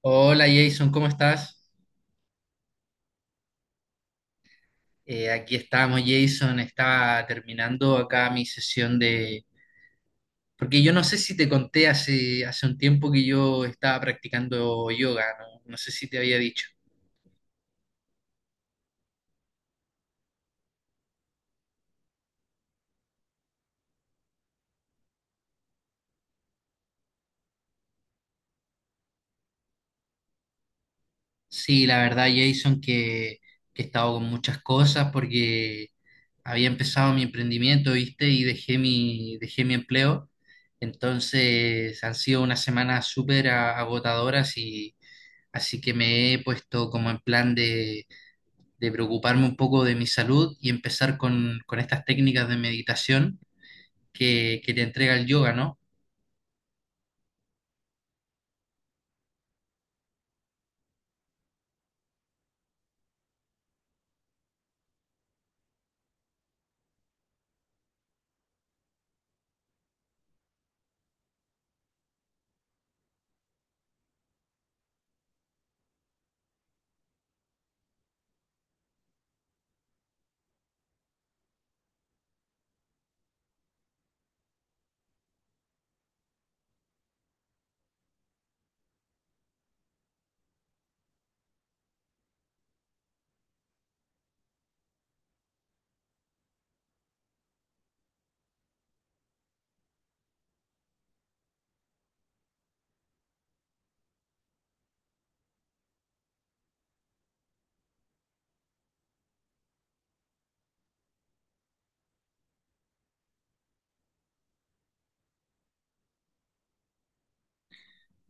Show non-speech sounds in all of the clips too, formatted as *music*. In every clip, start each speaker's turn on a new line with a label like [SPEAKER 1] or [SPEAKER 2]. [SPEAKER 1] Hola Jason, ¿cómo estás? Aquí estamos, Jason. Estaba terminando acá mi sesión de... Porque yo no sé si te conté hace un tiempo que yo estaba practicando yoga, ¿no? No sé si te había dicho. Sí, la verdad, Jason, que he estado con muchas cosas porque había empezado mi emprendimiento, ¿viste? Y dejé mi empleo. Entonces han sido unas semanas súper agotadoras y... Así que me he puesto como en de preocuparme un poco de mi salud y empezar con estas técnicas de meditación que te entrega el yoga, ¿no?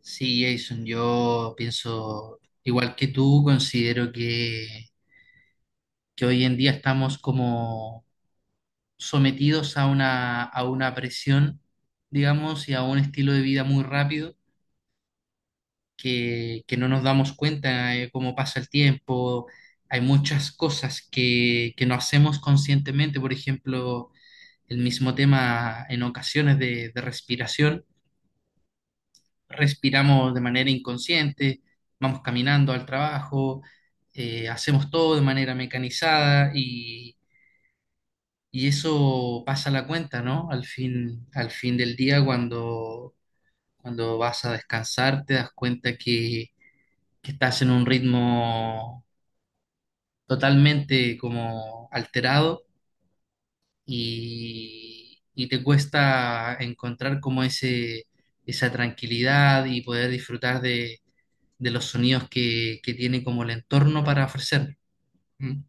[SPEAKER 1] Sí, Jason, yo pienso, igual que tú, que hoy en día estamos como sometidos a a una presión, digamos, y a un estilo de vida muy rápido que no nos damos cuenta cómo pasa el tiempo. Hay muchas cosas que no hacemos conscientemente, por ejemplo, el mismo tema en ocasiones de respiración. Respiramos de manera inconsciente, vamos caminando al trabajo, hacemos todo de manera mecanizada y eso pasa la cuenta, ¿no? Al fin del día, cuando vas a descansar, te das cuenta que estás en un ritmo totalmente como alterado y te cuesta encontrar como esa tranquilidad y poder disfrutar de los sonidos que tiene como el entorno para ofrecer. ¿Mm?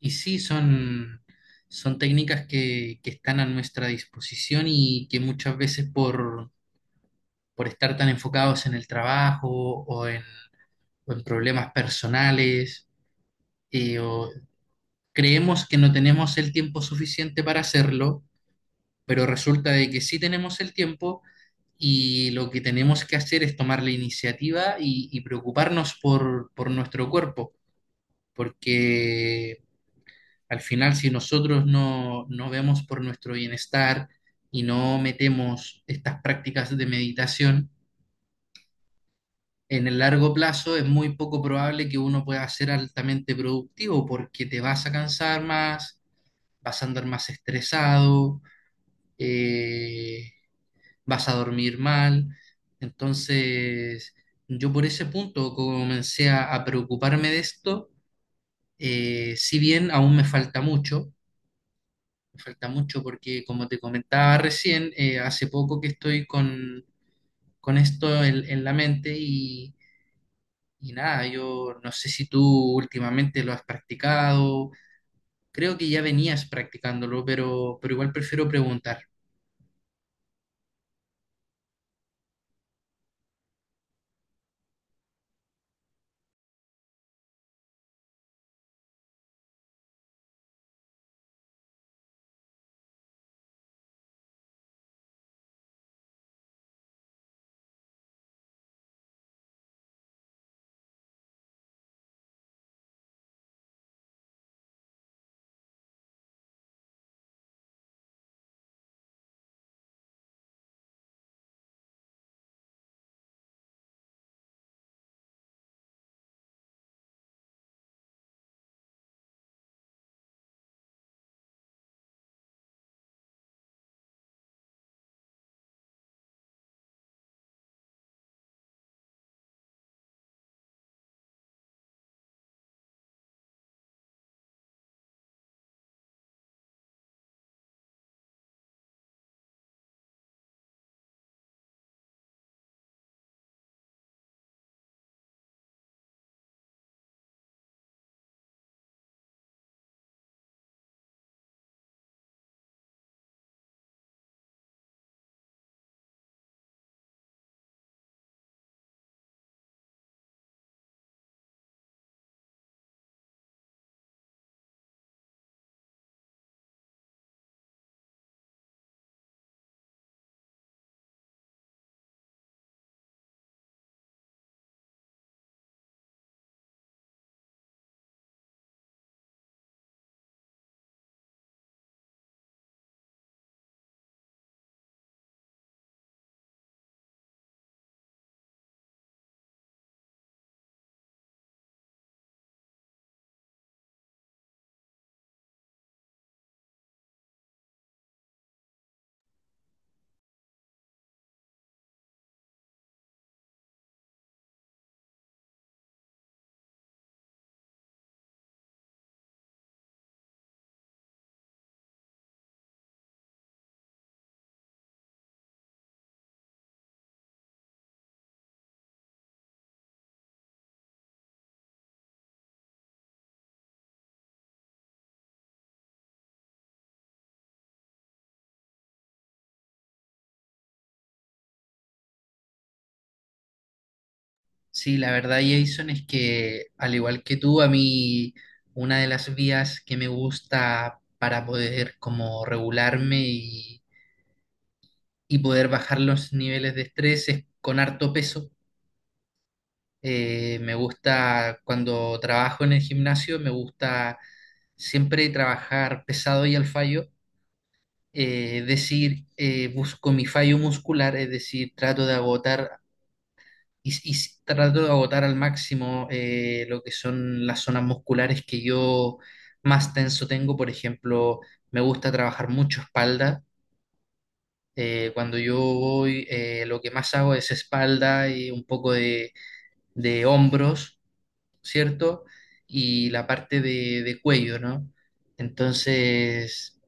[SPEAKER 1] Y sí, son técnicas que están a nuestra disposición y que muchas veces por estar tan enfocados en el trabajo o en problemas personales o creemos que no tenemos el tiempo suficiente para hacerlo, pero resulta de que sí tenemos el tiempo y lo que tenemos que hacer es tomar la iniciativa y preocuparnos por nuestro cuerpo, porque al final si nosotros no, no vemos por nuestro bienestar y no metemos estas prácticas de meditación, en el largo plazo es muy poco probable que uno pueda ser altamente productivo porque te vas a cansar más, vas a andar más estresado, eh, vas a dormir mal. Entonces, yo por ese punto a preocuparme de esto, si bien aún me falta mucho porque como te comentaba recién, hace poco que estoy con esto en la mente y nada, yo no sé si tú últimamente lo has practicado, creo que ya venías practicándolo, pero igual prefiero preguntar. Sí, la verdad, Jason, es que al igual que tú, a mí una de las vías que me gusta para poder como regularme y poder bajar los niveles de estrés es con harto peso. Me gusta cuando trabajo en el gimnasio, me gusta siempre trabajar pesado y al fallo. Es decir, busco mi fallo muscular, es decir, trato de agotar y trato de agotar al máximo lo que son las zonas musculares que yo más tenso tengo. Por ejemplo, me gusta trabajar mucho espalda. Cuando yo voy, lo que más hago es espalda y un poco de hombros, ¿cierto? Y la parte de cuello, ¿no? Entonces,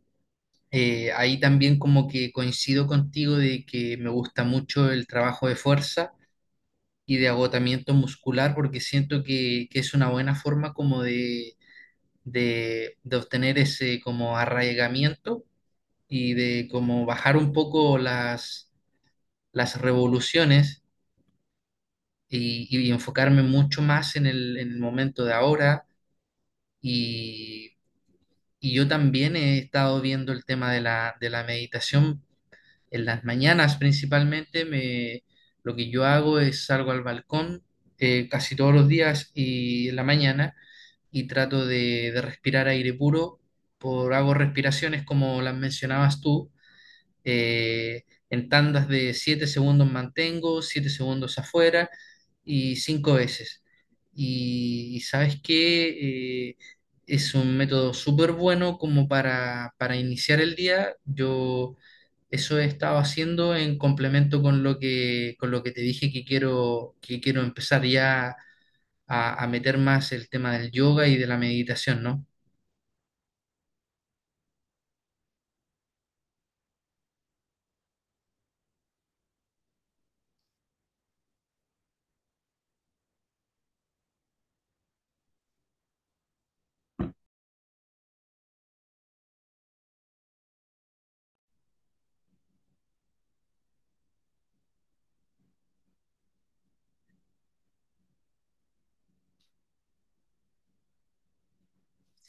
[SPEAKER 1] ahí también como que coincido contigo de que me gusta mucho el trabajo de fuerza y de agotamiento muscular, porque siento que es una buena forma como de obtener ese como arraigamiento y de como bajar un poco las revoluciones y enfocarme mucho más en en el momento de ahora. Y, y yo también he estado viendo el tema de de la meditación en las mañanas principalmente. Lo que yo hago es salgo al balcón casi todos los días y en la mañana y trato de respirar aire puro. Por, hago respiraciones como las mencionabas tú, eh, en tandas de 7 segundos mantengo, 7 segundos afuera y 5 veces. Y sabes que es un método súper bueno como para iniciar el día. Yo eso he estado haciendo en complemento con con lo que te dije que quiero empezar ya a meter más el tema del yoga y de la meditación, ¿no?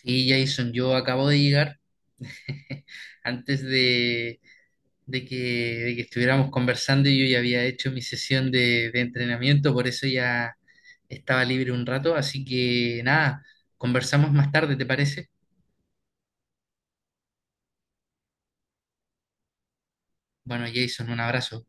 [SPEAKER 1] Sí, Jason, yo acabo de llegar. *laughs* Antes de que de que estuviéramos conversando, yo ya había hecho mi sesión de entrenamiento, por eso ya estaba libre un rato. Así que nada, conversamos más tarde, ¿te parece? Bueno, Jason, un abrazo.